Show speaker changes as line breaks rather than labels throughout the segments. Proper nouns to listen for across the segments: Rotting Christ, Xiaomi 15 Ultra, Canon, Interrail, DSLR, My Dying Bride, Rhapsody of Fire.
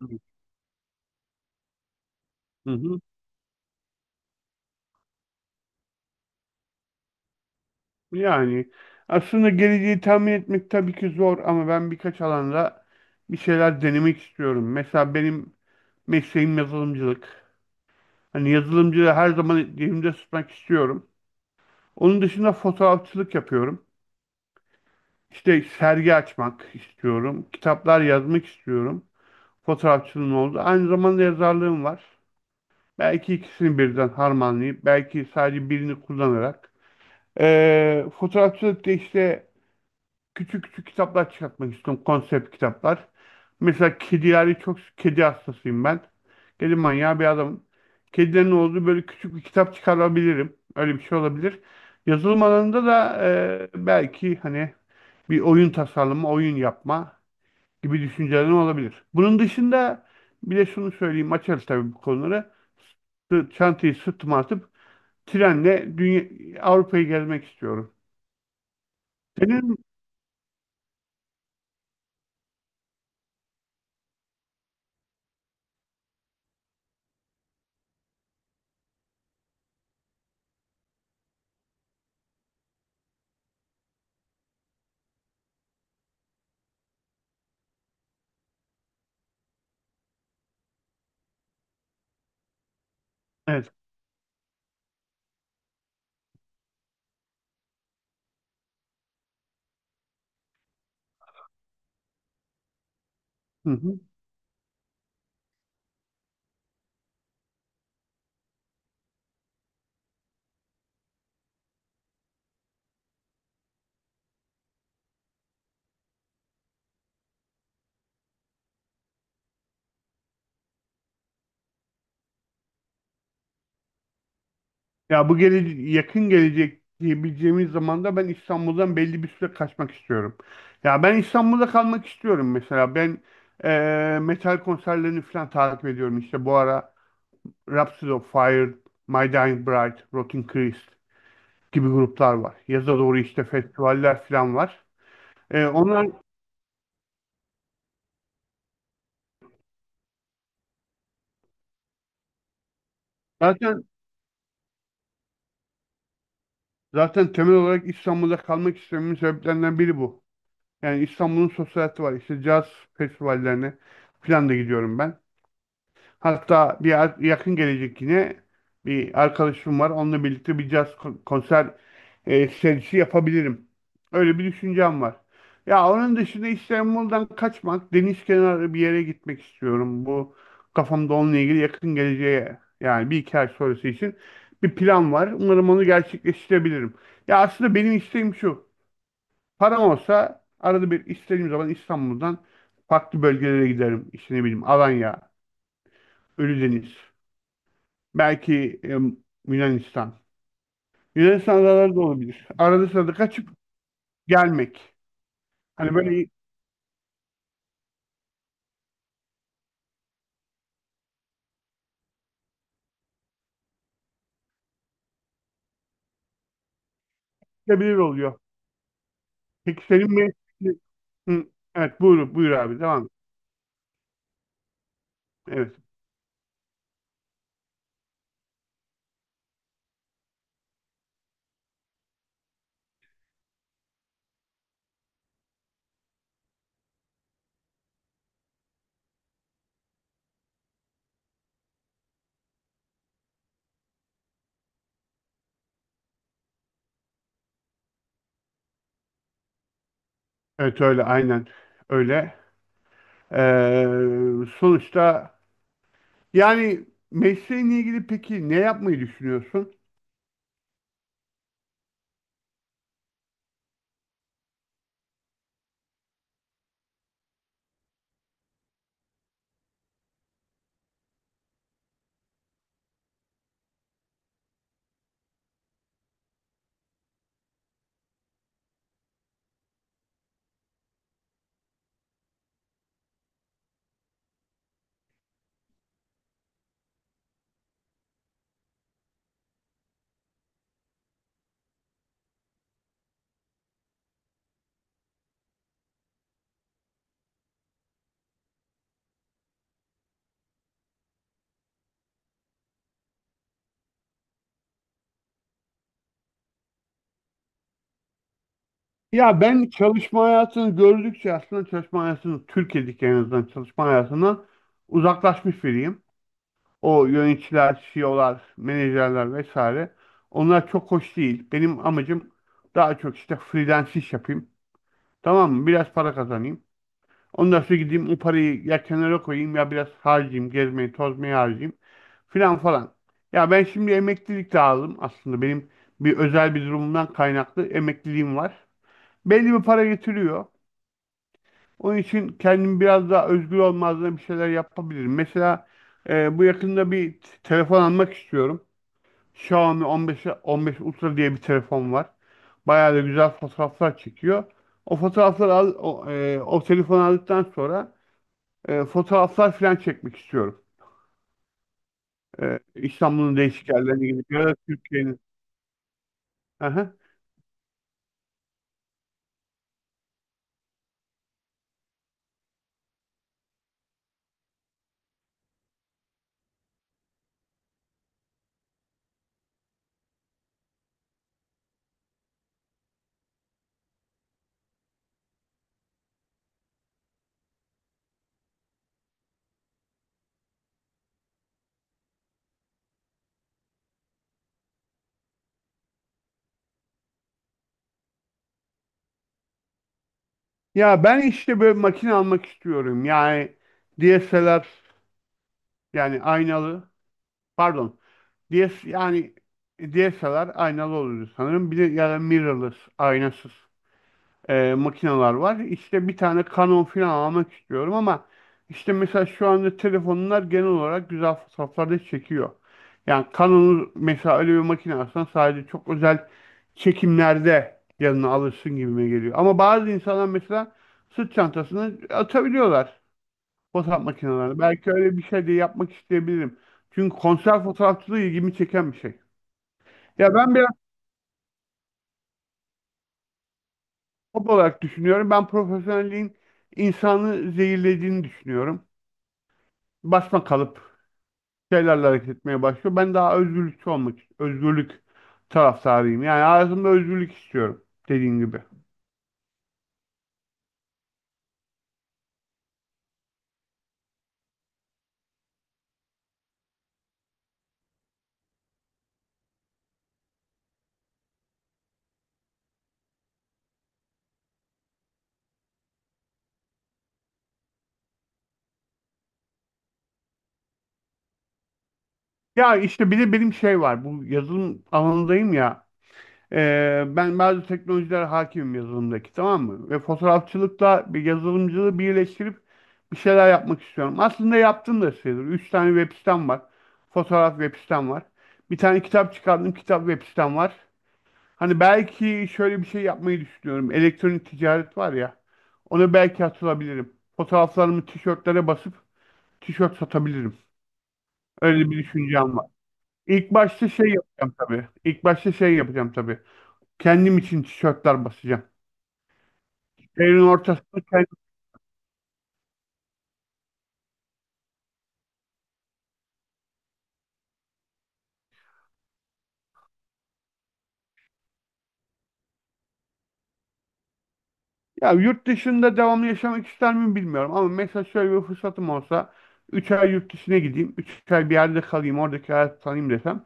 Hı hı. Yani aslında geleceği tahmin etmek tabii ki zor ama ben birkaç alanda bir şeyler denemek istiyorum. Mesela benim mesleğim yazılımcılık. Hani yazılımcılığı her zaman elimde tutmak istiyorum. Onun dışında fotoğrafçılık yapıyorum. İşte sergi açmak istiyorum. Kitaplar yazmak istiyorum. Fotoğrafçılığım oldu. Aynı zamanda yazarlığım var. Belki ikisini birden harmanlayıp, belki sadece birini kullanarak. Fotoğrafçılıkta işte küçük küçük kitaplar çıkartmak istiyorum. Konsept kitaplar. Mesela kedileri çok kedi hastasıyım ben. Kedi manyağı bir adamım. Kedilerin olduğu böyle küçük bir kitap çıkarabilirim. Öyle bir şey olabilir. Yazılım alanında da belki hani bir oyun tasarlama, oyun yapma gibi düşüncelerin olabilir. Bunun dışında bir de şunu söyleyeyim, açarız tabii bu konuları. Çantayı sırtıma atıp trenle dünya, Avrupa'yı gezmek istiyorum. Senin. Evet. Hı hı. Ya bu yakın gelecek diyebileceğimiz zamanda ben İstanbul'dan belli bir süre kaçmak istiyorum. Ya ben İstanbul'da kalmak istiyorum mesela. Ben metal konserlerini falan takip ediyorum. İşte bu ara Rhapsody of Fire, My Dying Bride, Rotting Christ gibi gruplar var. Yaza doğru işte festivaller falan var. Onlar zaten zaten temel olarak İstanbul'da kalmak istememin sebeplerinden biri bu. Yani İstanbul'un sosyal hayatı var. İşte caz festivallerine falan da gidiyorum ben. Hatta yakın gelecek yine bir arkadaşım var. Onunla birlikte bir caz konser serisi yapabilirim. Öyle bir düşüncem var. Ya onun dışında İstanbul'dan kaçmak, deniz kenarı bir yere gitmek istiyorum. Bu kafamda onunla ilgili yakın geleceğe yani bir iki ay sonrası için bir plan var. Umarım onu gerçekleştirebilirim. Ya aslında benim isteğim şu. Param olsa arada bir istediğim zaman İstanbul'dan farklı bölgelere giderim. İşte ne bileyim Alanya, Ölüdeniz. Belki Yunanistan. Yunanistan adaları da olabilir. Arada sırada kaçıp gelmek. Hani böyle gidebilir oluyor. Peki senin bir... Hı, evet, buyur, buyur abi, devam et. Evet. Evet, öyle, aynen öyle. Sonuçta yani mesleğinle ilgili peki ne yapmayı düşünüyorsun? Ya ben çalışma hayatını gördükçe aslında çalışma hayatını Türkiye'deki, en azından, çalışma hayatından uzaklaşmış biriyim. O yöneticiler, CEO'lar, menajerler vesaire. Onlar çok hoş değil. Benim amacım daha çok işte freelance iş yapayım. Tamam mı? Biraz para kazanayım. Ondan sonra gideyim o parayı ya kenara koyayım ya biraz harcayayım. Gezmeyi, tozmayı harcayayım. Filan falan. Ya ben şimdi emeklilik de aldım aslında. Benim bir özel bir durumumdan kaynaklı emekliliğim var. Belli bir para getiriyor. Onun için kendim biraz daha özgür olmazdan bir şeyler yapabilirim. Mesela bu yakında bir telefon almak istiyorum. Xiaomi 15 15 Ultra diye bir telefon var. Bayağı da güzel fotoğraflar çekiyor. O fotoğrafları al, o telefonu aldıktan sonra fotoğraflar falan çekmek istiyorum. İstanbul'un değişik yerlerine gidip ya da Türkiye'nin. Aha. Ya ben işte böyle makine almak istiyorum. Yani DSLR, yani aynalı, pardon. DS yani DSLR aynalı oluyor sanırım. Bir de ya da mirrorless aynasız makineler var. İşte bir tane Canon falan almak istiyorum, ama işte mesela şu anda telefonlar genel olarak güzel fotoğraflar da çekiyor. Yani Canon'u mesela öyle bir makine alsan sadece çok özel çekimlerde yanına alırsın gibime geliyor. Ama bazı insanlar mesela sırt çantasını atabiliyorlar fotoğraf makinelerine. Belki öyle bir şey de yapmak isteyebilirim. Çünkü konser fotoğrafçılığı ilgimi çeken bir şey. Ya ben biraz hobi olarak düşünüyorum. Ben profesyonelliğin insanı zehirlediğini düşünüyorum. Basma kalıp şeylerle hareket etmeye başlıyor. Ben daha özgürlükçü olmak, özgürlük taraftarıyım. Yani hayatımda özgürlük istiyorum, dediğin gibi. Ya işte bir de benim şey var. Bu yazılım alanındayım ya. Ben bazı teknolojiler hakimim yazılımdaki, tamam mı? Ve fotoğrafçılıkla bir yazılımcılığı birleştirip bir şeyler yapmak istiyorum. Aslında yaptım da sayılır. Üç tane web sitem var. Fotoğraf web sitem var. Bir tane kitap çıkardım. Kitap web sitem var. Hani belki şöyle bir şey yapmayı düşünüyorum. Elektronik ticaret var ya. Ona belki atılabilirim. Fotoğraflarımı tişörtlere basıp tişört satabilirim. Öyle bir düşüncem var. İlk başta şey yapacağım tabii. İlk başta şey yapacağım tabii. Kendim için tişörtler basacağım. Evin ortasında kendim. Ya yurt dışında devamlı yaşamak ister miyim bilmiyorum. Ama mesela şöyle bir fırsatım olsa 3 ay yurt dışına gideyim. Üç ay bir yerde kalayım. Oradaki hayatı tanıyayım desem.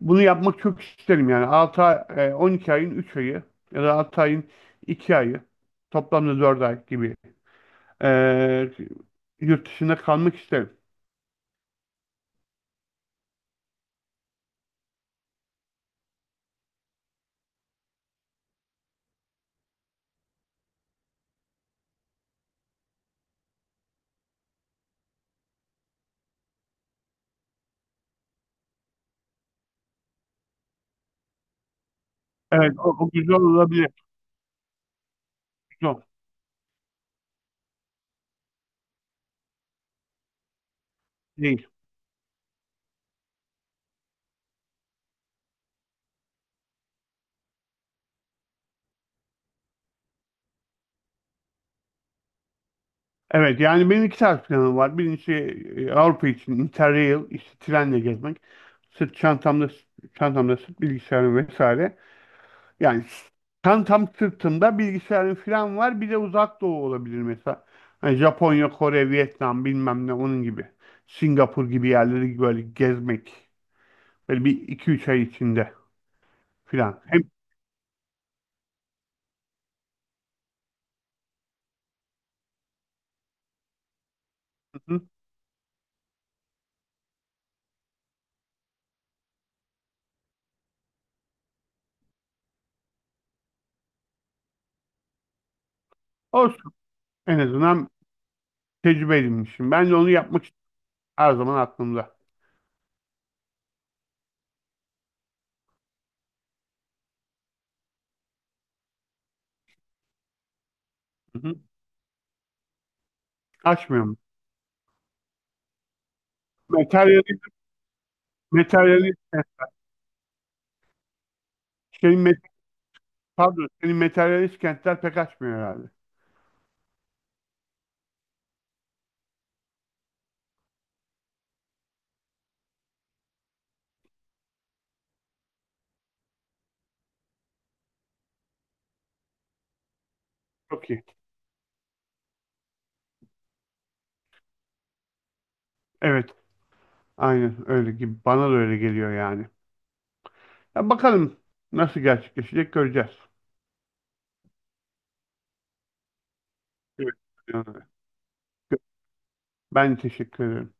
Bunu yapmak çok isterim yani. 6 ay, 12 ayın 3 ayı ya da 6 ayın 2 ayı, toplamda 4 ay gibi e, yurt dışında kalmak isterim. Evet, o güzel olabilir. Güzel değil. Evet yani benim iki tarz planım var. Birincisi Avrupa için Interrail, işte trenle gezmek. Sırt çantamda sırt bilgisayarım vesaire. Yani tam sırtımda bilgisayarın falan var. Bir de uzak doğu olabilir mesela. Hani Japonya, Kore, Vietnam bilmem ne onun gibi. Singapur gibi yerleri böyle gezmek. Böyle bir iki üç ay içinde falan. Hem, hı hı, olsun en azından tecrübe edinmişim. Ben de onu yapmak için her zaman aklımda. Hı hı. Açmıyor mu? Materyalist, materyalist, senin, met- pardon, senin materyalist kentler pek açmıyor herhalde. Çok iyi. Evet, aynen öyle gibi. Bana da öyle geliyor yani. Ya bakalım nasıl gerçekleşecek, göreceğiz. Evet. Ben teşekkür ederim.